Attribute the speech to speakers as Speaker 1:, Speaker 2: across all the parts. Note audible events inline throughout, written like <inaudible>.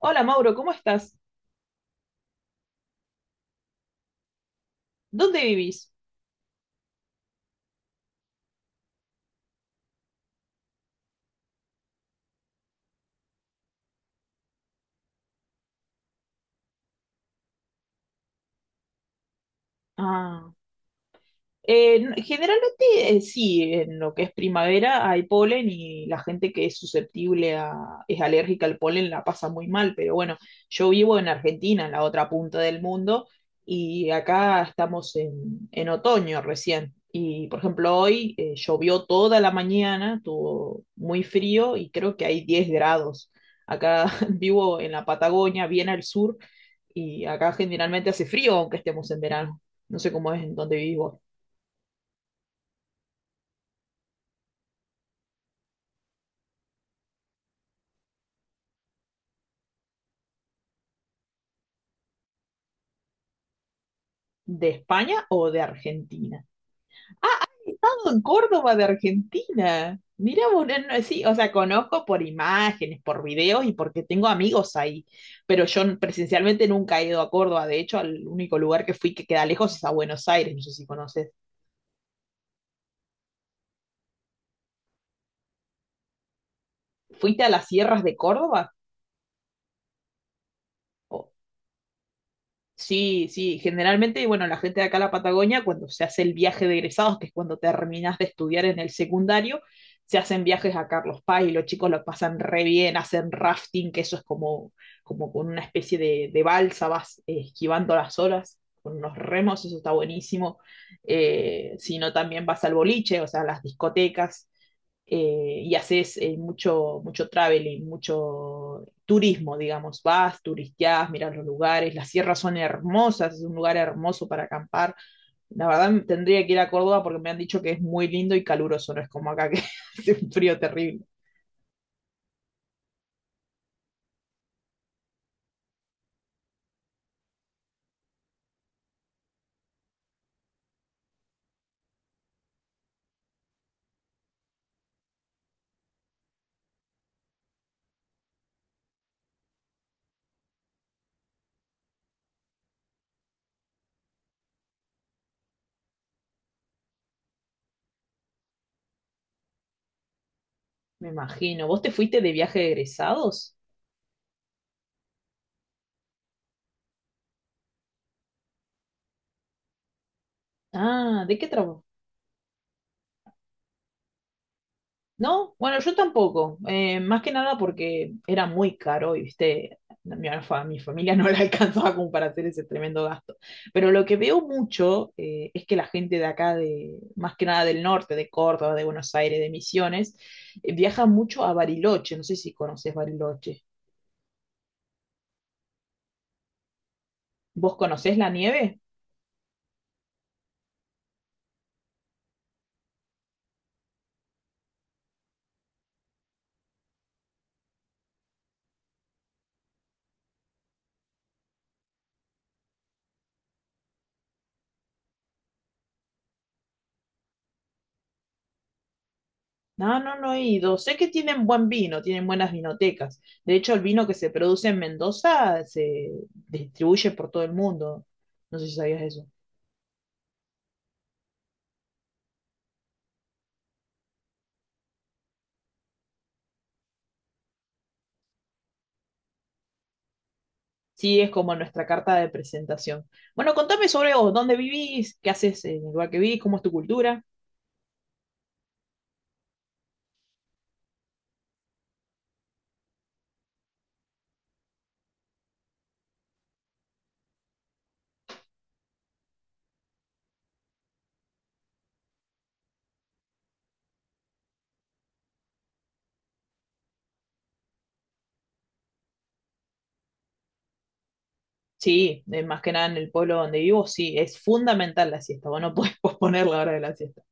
Speaker 1: Hola Mauro, ¿cómo estás? ¿Dónde vivís? Ah, generalmente sí, en lo que es primavera hay polen y la gente que es susceptible a, es alérgica al polen la pasa muy mal, pero bueno, yo vivo en Argentina, en la otra punta del mundo, y acá estamos en otoño recién. Y por ejemplo, hoy llovió toda la mañana, estuvo muy frío y creo que hay 10 grados. Acá <laughs> vivo en la Patagonia, bien al sur, y acá generalmente hace frío aunque estemos en verano. No sé cómo es en donde vivís. ¿De España o de Argentina? He estado en Córdoba de Argentina. Mira, vos, sí, o sea, conozco por imágenes, por videos y porque tengo amigos ahí, pero presencialmente nunca he ido a Córdoba. De hecho, al único lugar que fui que queda lejos es a Buenos Aires, no sé si conoces. ¿Fuiste a las sierras de Córdoba? Sí, sí, generalmente, bueno, la gente de acá a la Patagonia, cuando se hace el viaje de egresados, que es cuando terminas de estudiar en el secundario, se hacen viajes a Carlos Paz y los chicos lo pasan re bien, hacen rafting, que eso es como, como con una especie de balsa, vas esquivando las olas con unos remos, eso está buenísimo. Si no, también vas al boliche, o sea, a las discotecas, y haces mucho, mucho traveling, mucho turismo, digamos, vas, turisteás, miras los lugares, las sierras son hermosas, es un lugar hermoso para acampar. La verdad tendría que ir a Córdoba porque me han dicho que es muy lindo y caluroso, no es como acá que <laughs> hace un frío terrible, me imagino. ¿Vos te fuiste de viaje de egresados? Ah, ¿de qué, trabajo? No, bueno, yo tampoco. Más que nada porque era muy caro y, viste, mi familia no la <laughs> alcanzaba como para hacer ese tremendo gasto. Pero lo que veo mucho es que la gente de acá, de, más que nada del norte, de Córdoba, de Buenos Aires, de Misiones, viaja mucho a Bariloche. No sé si conoces Bariloche. ¿Vos conocés la nieve? No, no, no he ido. Sé que tienen buen vino, tienen buenas vinotecas. De hecho, el vino que se produce en Mendoza se distribuye por todo el mundo. No sé si sabías eso. Sí, es como nuestra carta de presentación. Bueno, contame sobre vos, dónde vivís, qué haces en el lugar que vivís, cómo es tu cultura. Sí, más que nada en el pueblo donde vivo, sí, es fundamental la siesta, vos no podés <laughs> posponer la hora de la siesta.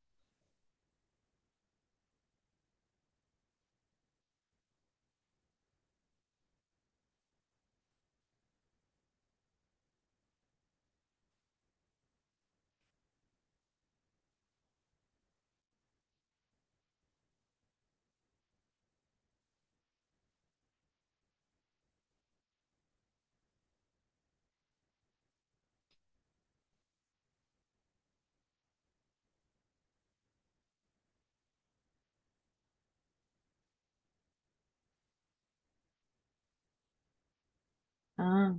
Speaker 1: Ah.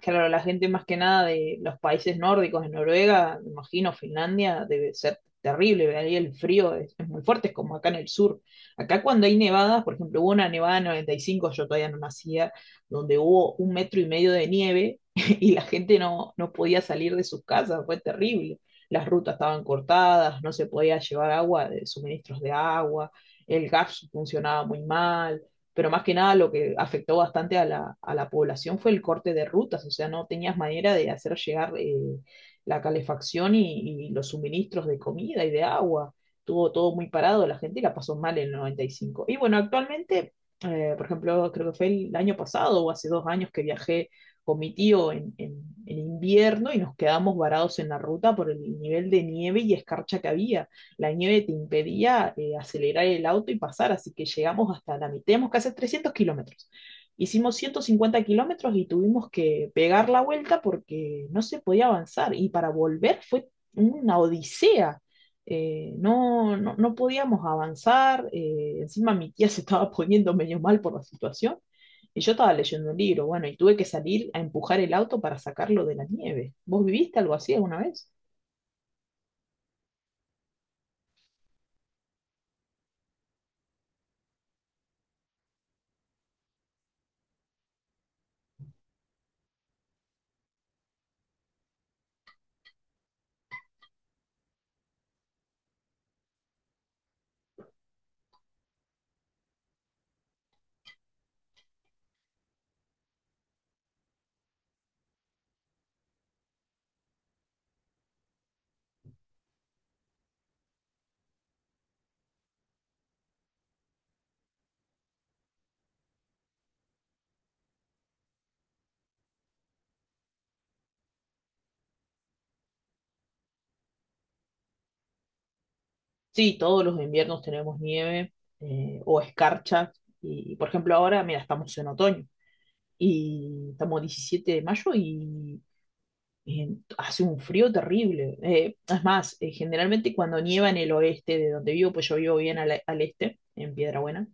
Speaker 1: Claro, la gente más que nada de los países nórdicos, de Noruega, me imagino, Finlandia, debe ser terrible, ¿verdad? Ahí el frío es muy fuerte, es como acá en el sur. Acá cuando hay nevadas, por ejemplo, hubo una nevada en 95, yo todavía no nacía, donde hubo un metro y medio de nieve <laughs> y la gente no, no podía salir de sus casas, fue terrible. Las rutas estaban cortadas, no se podía llevar agua, de suministros de agua, el gas funcionaba muy mal, pero más que nada lo que afectó bastante a a la población fue el corte de rutas, o sea, no tenías manera de hacer llegar la calefacción y, los suministros de comida y de agua. Tuvo todo muy parado, la gente la pasó mal en el 95. Y cinco. Y bueno, actualmente, por ejemplo, creo que fue el año pasado o hace dos años que viajé con mi tío en invierno y nos quedamos varados en la ruta por el nivel de nieve y escarcha que había. La nieve te impedía acelerar el auto y pasar, así que llegamos hasta la mitad, tenemos que hacer 300 kilómetros. Hicimos 150 kilómetros y tuvimos que pegar la vuelta porque no se podía avanzar y para volver fue una odisea. No, no, no podíamos avanzar, encima mi tía se estaba poniendo medio mal por la situación y yo estaba leyendo un libro, bueno, y tuve que salir a empujar el auto para sacarlo de la nieve. ¿Vos viviste algo así alguna vez? Sí, todos los inviernos tenemos nieve o escarcha. Y, por ejemplo, ahora, mira, estamos en otoño y estamos 17 de mayo y eh, hace un frío terrible. Es más, generalmente cuando nieva en el oeste de donde vivo, pues yo vivo bien al este, en Piedra Buena,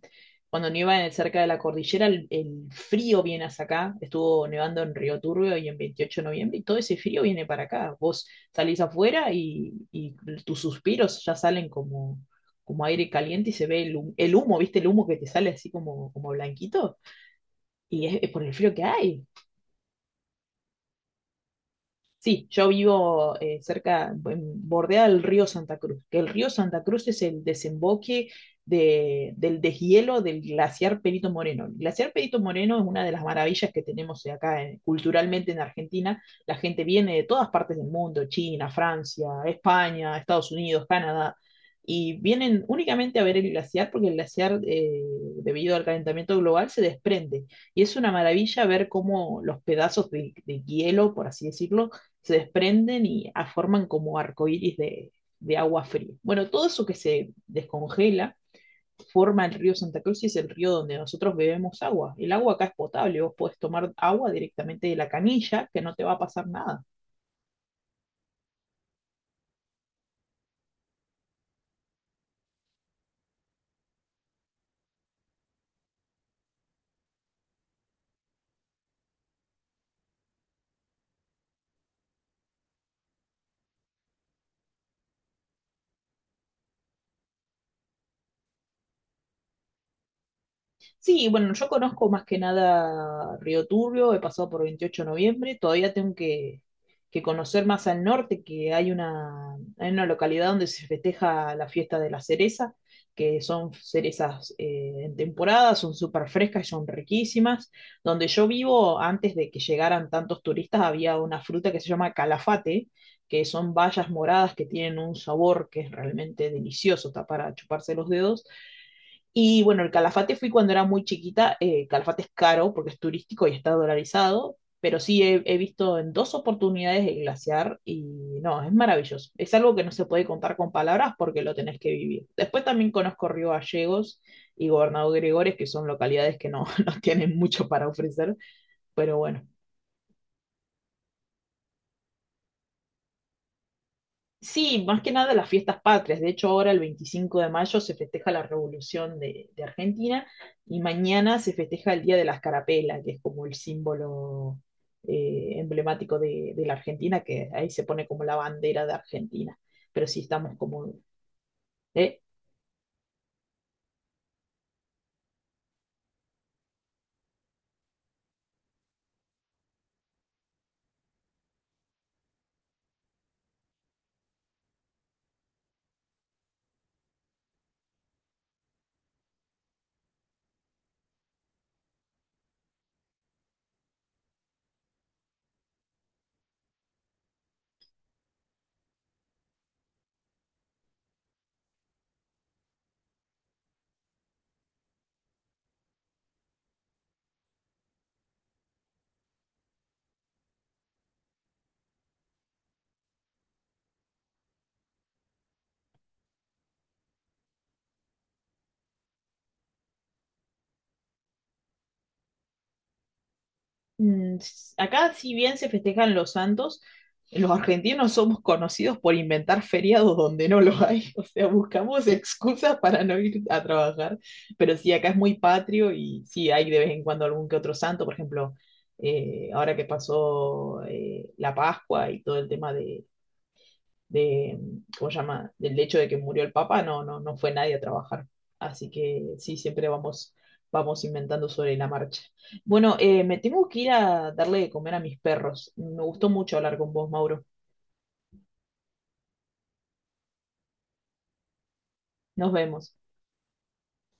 Speaker 1: cuando cerca de la cordillera, el frío viene hasta acá. Estuvo nevando en Río Turbio y en Veintiocho de Noviembre, y todo ese frío viene para acá. Vos salís afuera y tus suspiros ya salen como, como aire caliente y se ve el humo, ¿viste? El humo que te sale así como, como blanquito. Y es por el frío que hay. Sí, yo vivo cerca, bordea el río Santa Cruz, que el río Santa Cruz es el desemboque del deshielo del glaciar Perito Moreno. El glaciar Perito Moreno es una de las maravillas que tenemos acá culturalmente en Argentina. La gente viene de todas partes del mundo, China, Francia, España, Estados Unidos, Canadá, y vienen únicamente a ver el glaciar porque el glaciar, debido al calentamiento global, se desprende. Y es una maravilla ver cómo los pedazos de hielo, por así decirlo, se desprenden forman como arcoíris de agua fría. Bueno, todo eso que se descongela forma el río Santa Cruz y es el río donde nosotros bebemos agua. El agua acá es potable, vos podés tomar agua directamente de la canilla, que no te va a pasar nada. Sí, bueno, yo conozco más que nada Río Turbio, he pasado por Veintiocho de Noviembre, todavía tengo que conocer más al norte, que hay hay una localidad donde se festeja la fiesta de la cereza, que son cerezas en temporada, son súper frescas y son riquísimas. Donde yo vivo, antes de que llegaran tantos turistas, había una fruta que se llama calafate, que son bayas moradas que tienen un sabor que es realmente delicioso, está para chuparse los dedos y bueno, el Calafate fui cuando era muy chiquita. Calafate es caro porque es turístico y está dolarizado, pero sí he visto en dos oportunidades el glaciar y no, es maravilloso. Es algo que no se puede contar con palabras porque lo tenés que vivir. Después también conozco Río Gallegos y Gobernador Gregores, que son localidades que no, <laughs> no tienen mucho para ofrecer, pero bueno. Sí, más que nada las fiestas patrias. De hecho, ahora el 25 de mayo se festeja la Revolución de Argentina y mañana se festeja el Día de la Escarapela, que es como el símbolo emblemático de la Argentina, que ahí se pone como la bandera de Argentina. Pero sí estamos como... ¿eh? Acá, si bien se festejan los santos, los argentinos somos conocidos por inventar feriados donde no los hay. <laughs> O sea, buscamos excusas para no ir a trabajar. Pero sí, acá es muy patrio y sí hay de vez en cuando algún que otro santo. Por ejemplo, ahora que pasó la Pascua y todo el tema de, ¿cómo se llama? Del hecho de que murió el Papa, no, no, no fue nadie a trabajar. Así que sí, siempre vamos, vamos inventando sobre la marcha. Bueno, me tengo que ir a darle de comer a mis perros. Me gustó mucho hablar con vos, Mauro. Nos vemos.